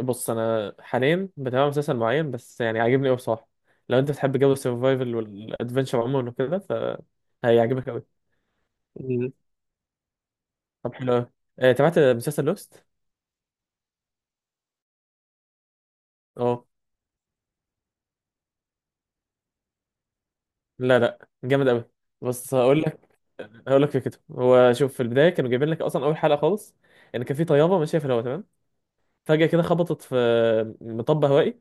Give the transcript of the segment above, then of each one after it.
بص، انا حاليا بتابع مسلسل معين، بس يعني عاجبني قوي بصراحه. لو انت بتحب جو السرفايفل والادفنشر عموما وكده، ف هيعجبك قوي. مم. طب حلو قوي. تابعت مسلسل لوست. اه، لا لا جامد قوي. بص هقول لك. هقول لك فكرته. هو شوف، في البدايه كانوا جايبين لك اصلا اول حلقه خالص، ان كان في طياره ماشيه في الهواء، تمام؟ فجاه كده خبطت في مطب هوائي.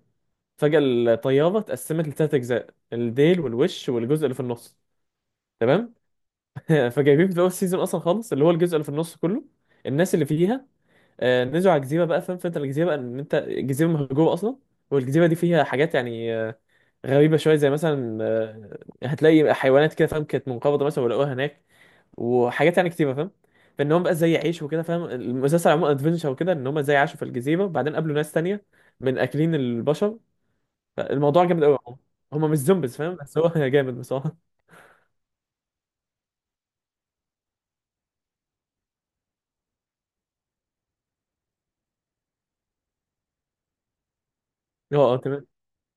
فجاه الطياره اتقسمت لثلاث اجزاء: الديل والوش والجزء اللي في النص. تمام. فجايبين في اول سيزون اصلا خالص اللي هو الجزء اللي في النص كله، الناس اللي فيها نزلوا على الجزيره بقى، فاهم؟ فانت الجزيره بقى ان انت الجزيره مهجوره اصلا، والجزيره دي فيها حاجات يعني غريبه شويه، زي مثلا هتلاقي حيوانات كده، فاهم؟ كانت منقرضه مثلا ولقوها هناك، وحاجات يعني كتيره، فاهم؟ فان هم بقى ازاي يعيشوا وكده، فاهم؟ المسلسل عموما ادفنشر وكده، ان هم ازاي عاشوا في الجزيره، وبعدين قابلوا ناس تانية من اكلين البشر. فالموضوع جامد قوي. هم مش زومبيز، فاهم؟ بس هو جامد بصراحه. هو اه تمام.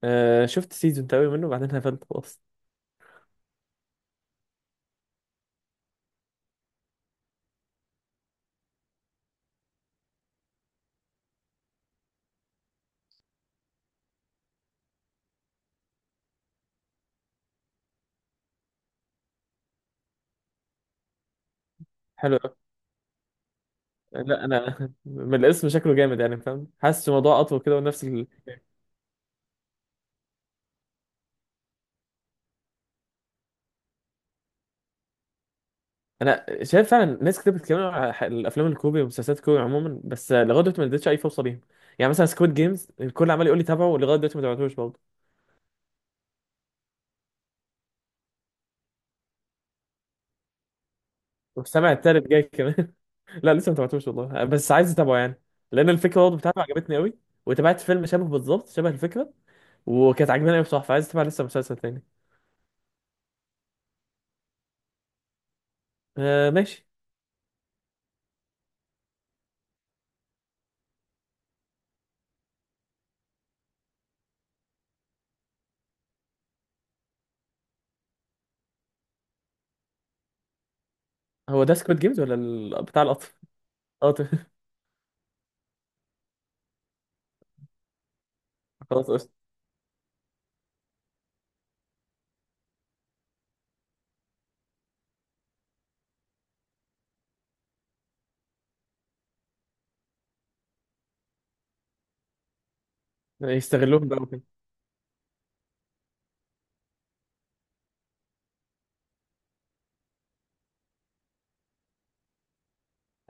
شفت سيزون تقريبا منه وبعدين قفلت خلاص. حلو أوي. لا انا من الاسم شكله جامد يعني، فاهم؟ حاسس الموضوع اطول كده، ونفس انا شايف فعلا ناس كتير بتتكلم على الافلام الكوري ومسلسلات الكوري عموما، بس لغايه دلوقتي ما اديتش اي فرصه ليهم. يعني مثلا سكويد جيمز الكل عمال يقول لي تابعه، ولغايه دلوقتي ما تابعتوش برضه. والسامع التالت جاي كمان. لا لسه ما تابعتوش والله، بس عايز اتابعه يعني، لان الفكره برضه بتاعته عجبتني قوي. وتابعت فيلم شبه بالظبط شبه الفكره، وكانت عجباني قوي بصراحه، فعايز اتابع لسه مسلسل تاني. آه ماشي. هو ده سكويد جيمز ولا بتاع القطر؟ قطر. خلاص قشطة. يستغلوهم بقى وكده.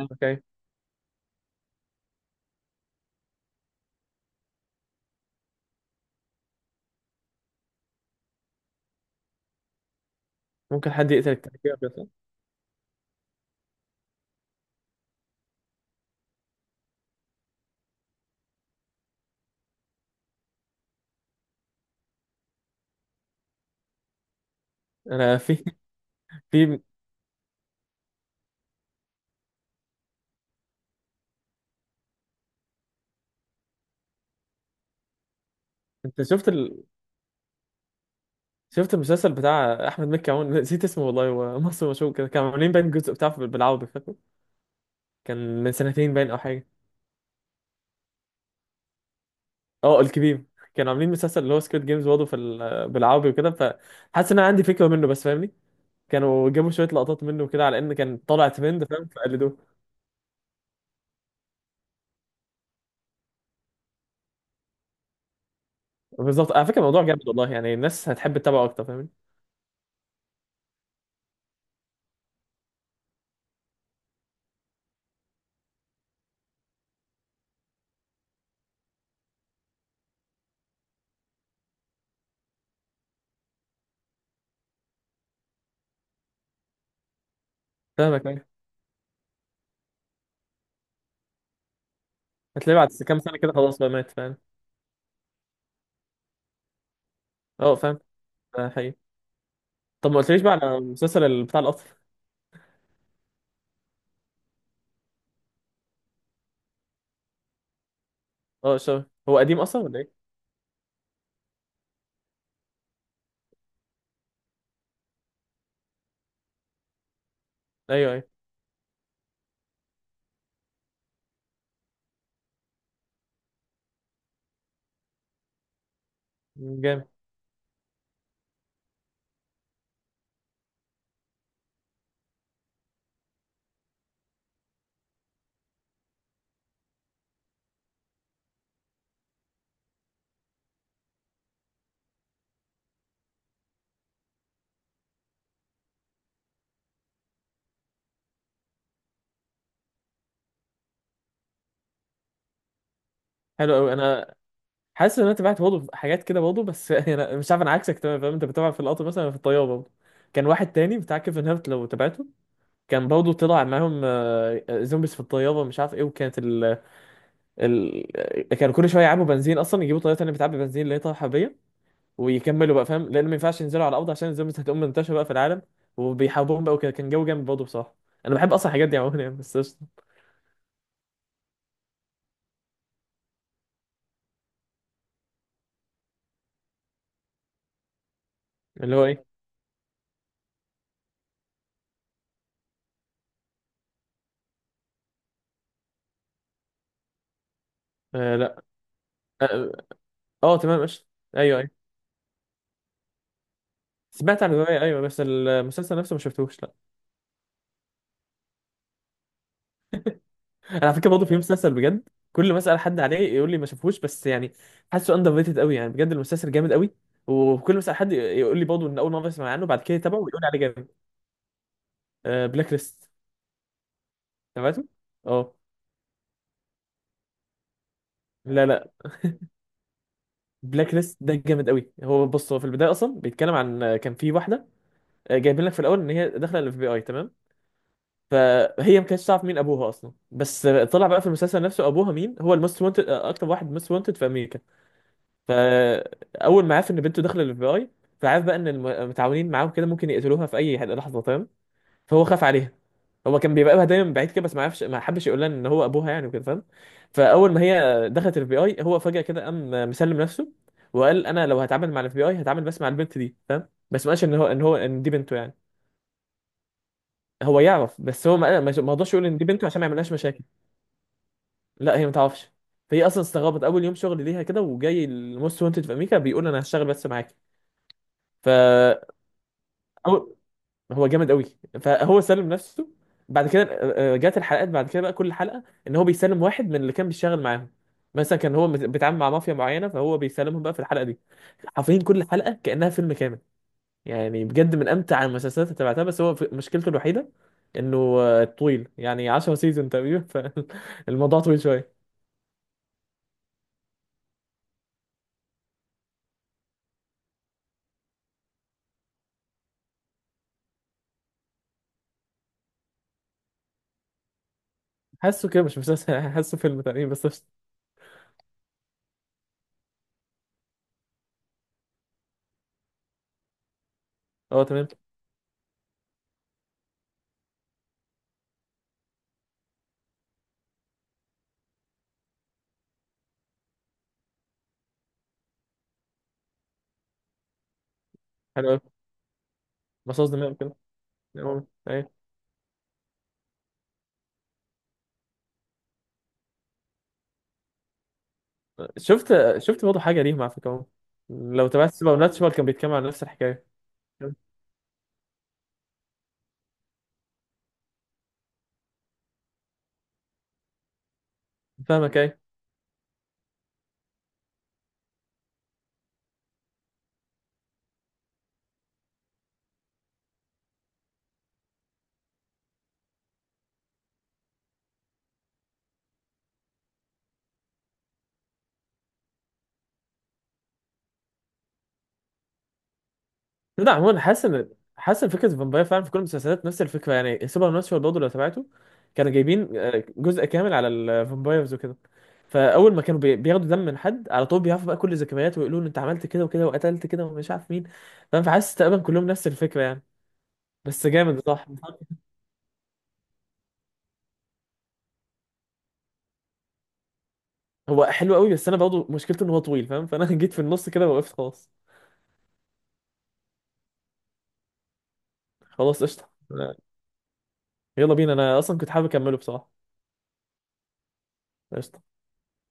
اوكي. ممكن حد يقتل التاني كده بس. انا في. في. انت شفت شفت المسلسل بتاع احمد مكي؟ عون، نسيت اسمه والله، هو مصر مشهور كده، كانوا عاملين باين جزء بتاعه بالعربي، فاكره؟ كان من سنتين باين او حاجه. اه الكبير. كانوا عاملين مسلسل اللي هو سكويد جيمز برضه في بالعربي وكده، فحاسس ان انا عندي فكره منه بس، فاهمني؟ كانوا جابوا شويه لقطات منه كده، على ان كان طالع ترند، فاهم؟ فقلدوه. بالظبط. على فكره الموضوع جامد والله، يعني الناس هتحب تتابعه اكتر، فاهمني؟ فاهمك أيوة. هتلاقيه بعد كام سنه كده خلاص بقى مات، فاهم؟ اه فاهم. ده حقيقي. طب ما قلتليش بقى على المسلسل بتاع القطر. اه الشبه، هو قديم اصلا ولا ايه؟ ايوه ايوه. جامد. حلو قوي. انا حاسس ان انا تابعت برضه حاجات كده برضه بس، انا مش عارف، انا عكسك تمام، فاهم؟ انت بتابع في القطر مثلا، أنا في الطياره برضه. كان واحد تاني بتاع كيفن هارت، لو تابعته، كان برضه طلع معاهم زومبيز في الطياره، مش عارف ايه، وكانت ال... كانوا كل شويه يعبوا بنزين اصلا، يجيبوا طياره تانيه بتعبي بنزين اللي هي طياره حربيه، ويكملوا بقى، فاهم؟ لان ما ينفعش ينزلوا على الارض عشان الزومبيز هتقوم منتشره بقى في العالم، وبيحاربوهم بقى وكده. كان جو جامد برضه بصراحه. انا بحب اصلا الحاجات دي عموما يعني بس. اللي هو ايه؟ آه لا. اه، آه. تمام قشطة. ايوه ايوه. سمعت عن الرواية ايوه، بس المسلسل نفسه ما شفتهوش لا. انا على فكرة برضه في مسلسل بجد كل ما اسال حد عليه يقول لي ما شافهوش، بس يعني حاسه اندر ريتد قوي يعني، بجد المسلسل جامد قوي. وكل ما اسال حد يقول لي برضه ان اول مرة اسمع عنه، بعد كده يتابعه ويقول لي عليه جامد. آه بلاك ليست. تابعته؟ اه. لا لا. بلاك ليست ده جامد قوي. هو بص، هو في البدايه اصلا بيتكلم عن كان في واحده، جايبين لك في الاول ان هي داخله الاف بي اي، تمام؟ فهي ما كانتش تعرف مين ابوها اصلا، بس طلع بقى في المسلسل نفسه ابوها مين. هو الموست وانتد، اكتر واحد موست وانتد في امريكا. فاول ما عرف ان بنته داخله الاف بي اي، فعرف بقى ان المتعاونين معاهم كده ممكن يقتلوها في اي لحظه، فاهم؟ فهو خاف عليها. هو كان بيراقبها دايما من بعيد كده، بس ما عرفش، ما حبش يقول لها ان هو ابوها يعني وكده، فاهم؟ فاول ما هي دخلت الاف بي اي، هو فجاه كده قام مسلم نفسه، وقال انا لو هتعامل مع الاف بي اي هتعامل بس مع البنت دي، فاهم؟ بس ما قالش ان دي بنته يعني. هو يعرف بس هو ما رضاش يقول ان دي بنته عشان ما يعملهاش مشاكل. لا هي ما تعرفش. فهي اصلا استغربت اول يوم شغل ليها كده، وجاي الموست وانتد في امريكا بيقول انا هشتغل بس معاك. ف أو- هو جامد قوي. فهو سلم نفسه. بعد كده جات الحلقات بعد كده بقى، كل حلقه ان هو بيسلم واحد من اللي كان بيشتغل معاهم. مثلا كان هو بيتعامل مع مافيا معينه، فهو بيسلمهم بقى في الحلقه دي. حرفيا كل حلقه كانها فيلم كامل. يعني بجد من امتع المسلسلات اللي تابعتها، بس هو مشكلته الوحيده انه طويل يعني، 10 سيزون تقريبا، فالموضوع طويل شويه. حاسه كده مش مسلسل، حاسه فيلم تقريبا بس، قشطة. اه تمام. حلو قوي. مصاص دماء كده. المهم، ايوه. شفت، شفت برضه حاجه ليهم على فكره، لو تابعت سوبر ناتشورال، كان بيتكلم عن نفس الحكايه. فاهمك ايه. لا عموما حاسس ان، حاسس ان فكره الفامباير فعلا في كل المسلسلات نفس الفكره، يعني سوبر ناتشورال برضه لو تابعته، كانوا جايبين جزء كامل على الفامبايرز وكده. فاول ما كانوا بياخدوا دم من حد على طول، بيعرفوا بقى كل ذكرياته، ويقولوا له انت عملت كده وكده وقتلت كده ومش عارف مين، فاهم؟ فحاسس تقريبا كلهم نفس الفكره يعني، بس جامد، صح؟ هو حلو قوي، بس انا برضه مشكلته ان هو طويل، فاهم؟ فانا جيت في النص كده وقفت خلاص. خلاص قشطه. يلا بينا، انا اصلا كنت حابب اكمله بصراحه. قشطه.